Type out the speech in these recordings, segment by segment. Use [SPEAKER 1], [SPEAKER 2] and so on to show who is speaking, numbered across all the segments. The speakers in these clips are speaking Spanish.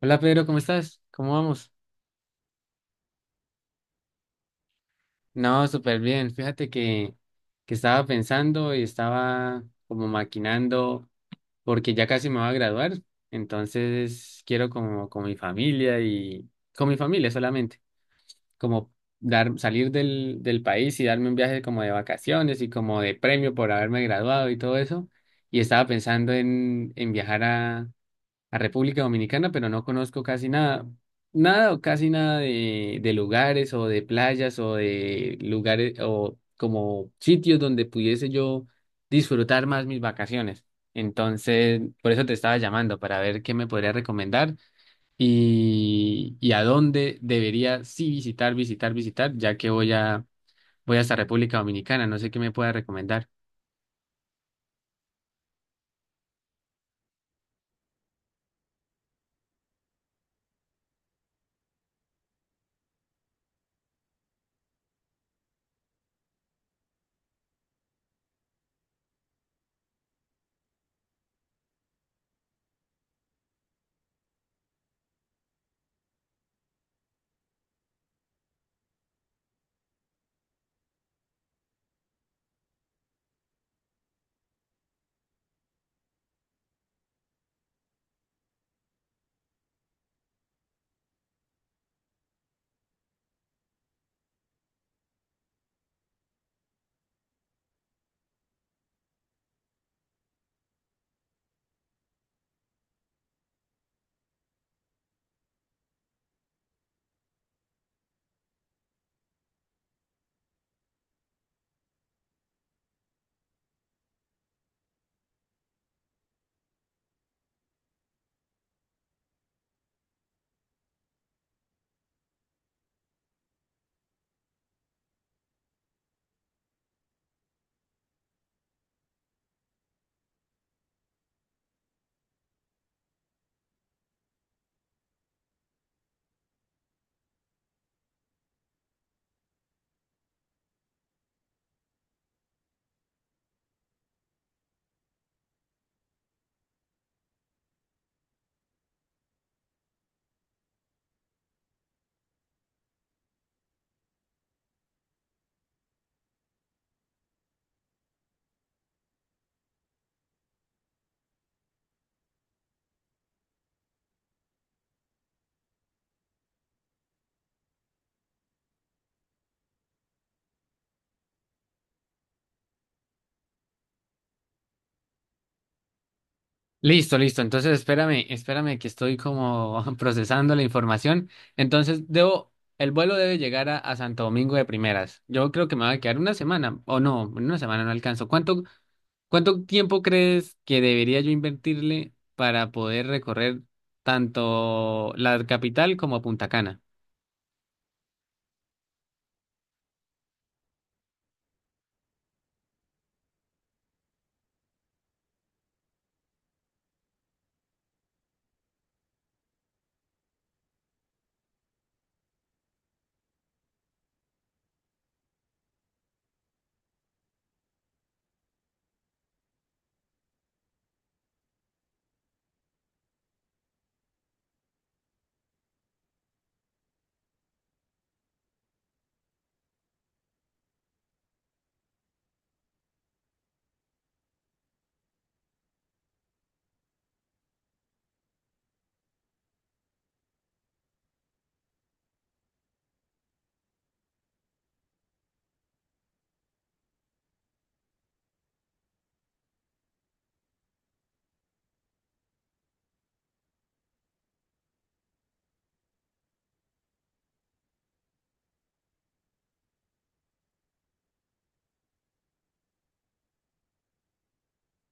[SPEAKER 1] Hola Pedro, ¿cómo estás? ¿Cómo vamos? No, súper bien. Fíjate que estaba pensando y estaba como maquinando porque ya casi me voy a graduar, entonces quiero como con mi familia y con mi familia solamente, como dar, salir del país y darme un viaje como de vacaciones y como de premio por haberme graduado y todo eso. Y estaba pensando en viajar a República Dominicana, pero no conozco casi nada, nada o casi nada de lugares o de playas o de lugares o como sitios donde pudiese yo disfrutar más mis vacaciones. Entonces, por eso te estaba llamando para ver qué me podría recomendar y a dónde debería sí visitar, ya que voy hasta República Dominicana, no sé qué me pueda recomendar. Listo, listo. Entonces, espérame, espérame que estoy como procesando la información. Entonces, debo, el vuelo debe llegar a Santo Domingo de primeras. Yo creo que me va a quedar una semana, o no, una semana no alcanzo. ¿Cuánto, cuánto tiempo crees que debería yo invertirle para poder recorrer tanto la capital como Punta Cana?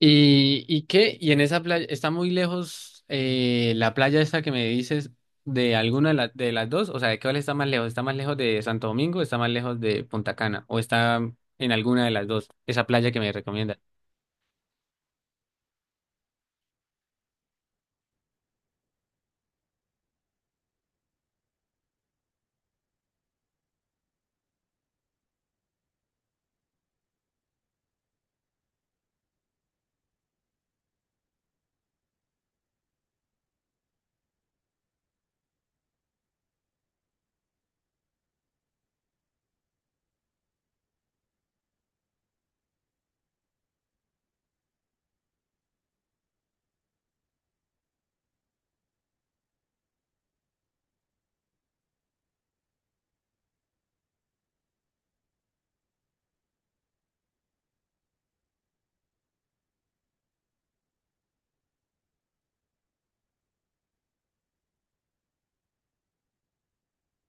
[SPEAKER 1] Y qué? ¿Y en esa playa está muy lejos la playa esta que me dices de alguna de, la- de las dos? O sea, ¿de cuál está más lejos? ¿Está más lejos de Santo Domingo? ¿Está más lejos de Punta Cana? ¿O está en alguna de las dos? Esa playa que me recomienda.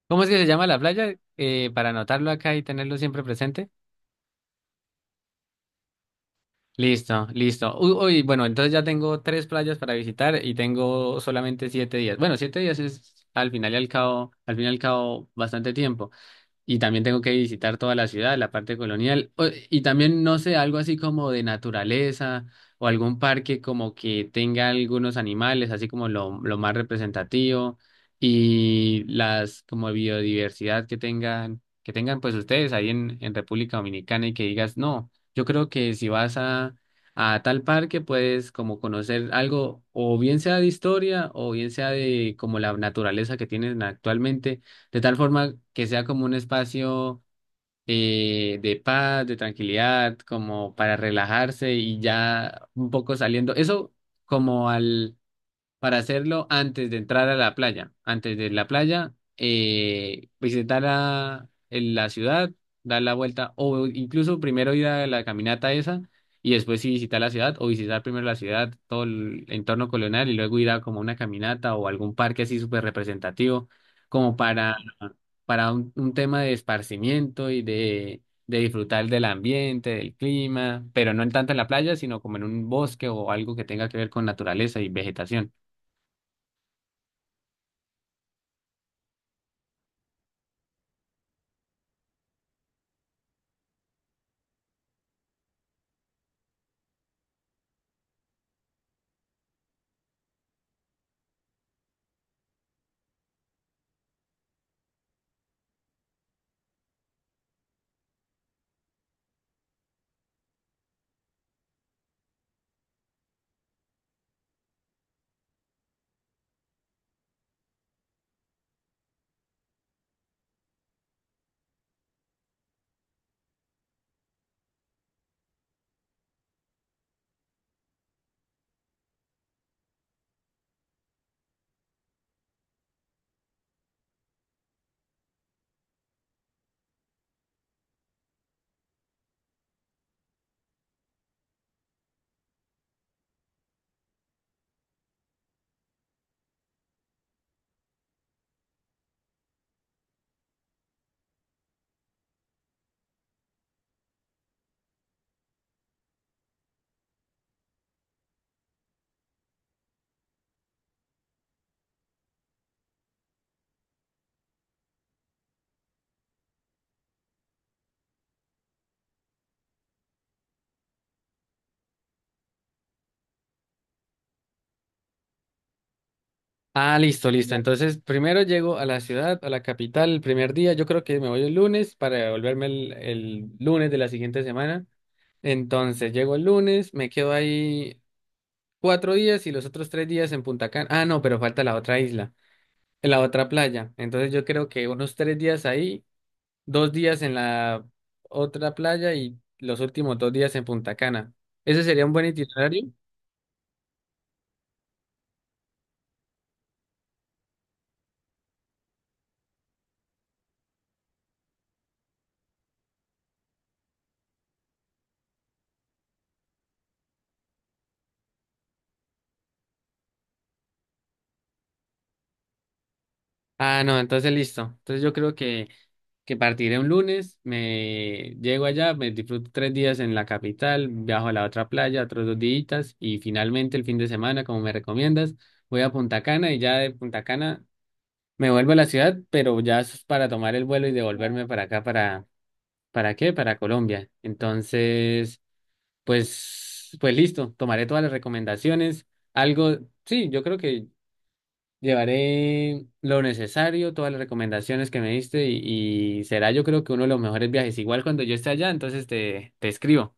[SPEAKER 1] ¿Cómo es que se llama la playa? Para anotarlo acá y tenerlo siempre presente. Listo, listo. Uy, uy, bueno, entonces ya tengo tres playas para visitar y tengo solamente 7 días. Bueno, siete días es al final y al cabo, al fin y al cabo bastante tiempo. Y también tengo que visitar toda la ciudad, la parte colonial. O- Y también, no sé, algo así como de naturaleza o algún parque como que tenga algunos animales, así como lo más representativo y las como biodiversidad que tengan pues ustedes ahí en República Dominicana y que digas, no, yo creo que si vas a tal parque puedes como conocer algo o bien sea de historia o bien sea de como la naturaleza que tienen actualmente de tal forma que sea como un espacio de paz, de tranquilidad, como para relajarse y ya un poco saliendo. Eso como al para hacerlo antes de entrar a la playa. Antes de la playa, visitar la, el- la ciudad, dar la vuelta, o incluso primero ir a la caminata esa y después sí visitar la ciudad, o visitar primero la ciudad, todo el entorno colonial y luego ir a como una caminata o algún parque así súper representativo, como para un tema de esparcimiento y de disfrutar del ambiente, del clima, pero no en tanto en la playa, sino como en un bosque o algo que tenga que ver con naturaleza y vegetación. Ah, listo, listo. Entonces, primero llego a la ciudad, a la capital, el primer día. Yo creo que me voy el lunes para devolverme el lunes de la siguiente semana. Entonces, llego el lunes, me quedo ahí 4 días y los otros 3 días en Punta Cana. Ah, no, pero falta la otra isla, la otra playa. Entonces, yo creo que unos 3 días ahí, 2 días en la otra playa y los últimos 2 días en Punta Cana. ¿Ese sería un buen itinerario? Ah, no, entonces listo. Entonces, yo creo que. Que partiré un lunes, me llego allá, me disfruto 3 días en la capital, viajo a la otra playa, otros 2 días y finalmente el fin de semana, como me recomiendas, voy a Punta Cana y ya de Punta Cana me vuelvo a la ciudad, pero ya es para tomar el vuelo y devolverme para acá, ¿para qué? Para Colombia. Entonces, pues, pues listo, tomaré todas las recomendaciones. Algo, sí, yo creo que llevaré lo necesario, todas las recomendaciones que me diste y será yo creo que uno de los mejores viajes. Igual cuando yo esté allá, entonces te escribo.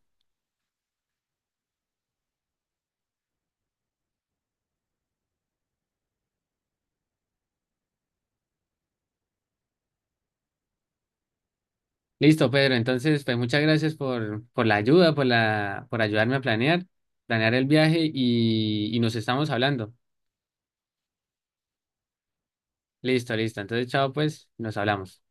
[SPEAKER 1] Listo, Pedro. Entonces, pues muchas gracias por la ayuda, por la, por ayudarme a planear, planear el viaje y nos estamos hablando. Listo, listo. Entonces, chao, pues, nos hablamos.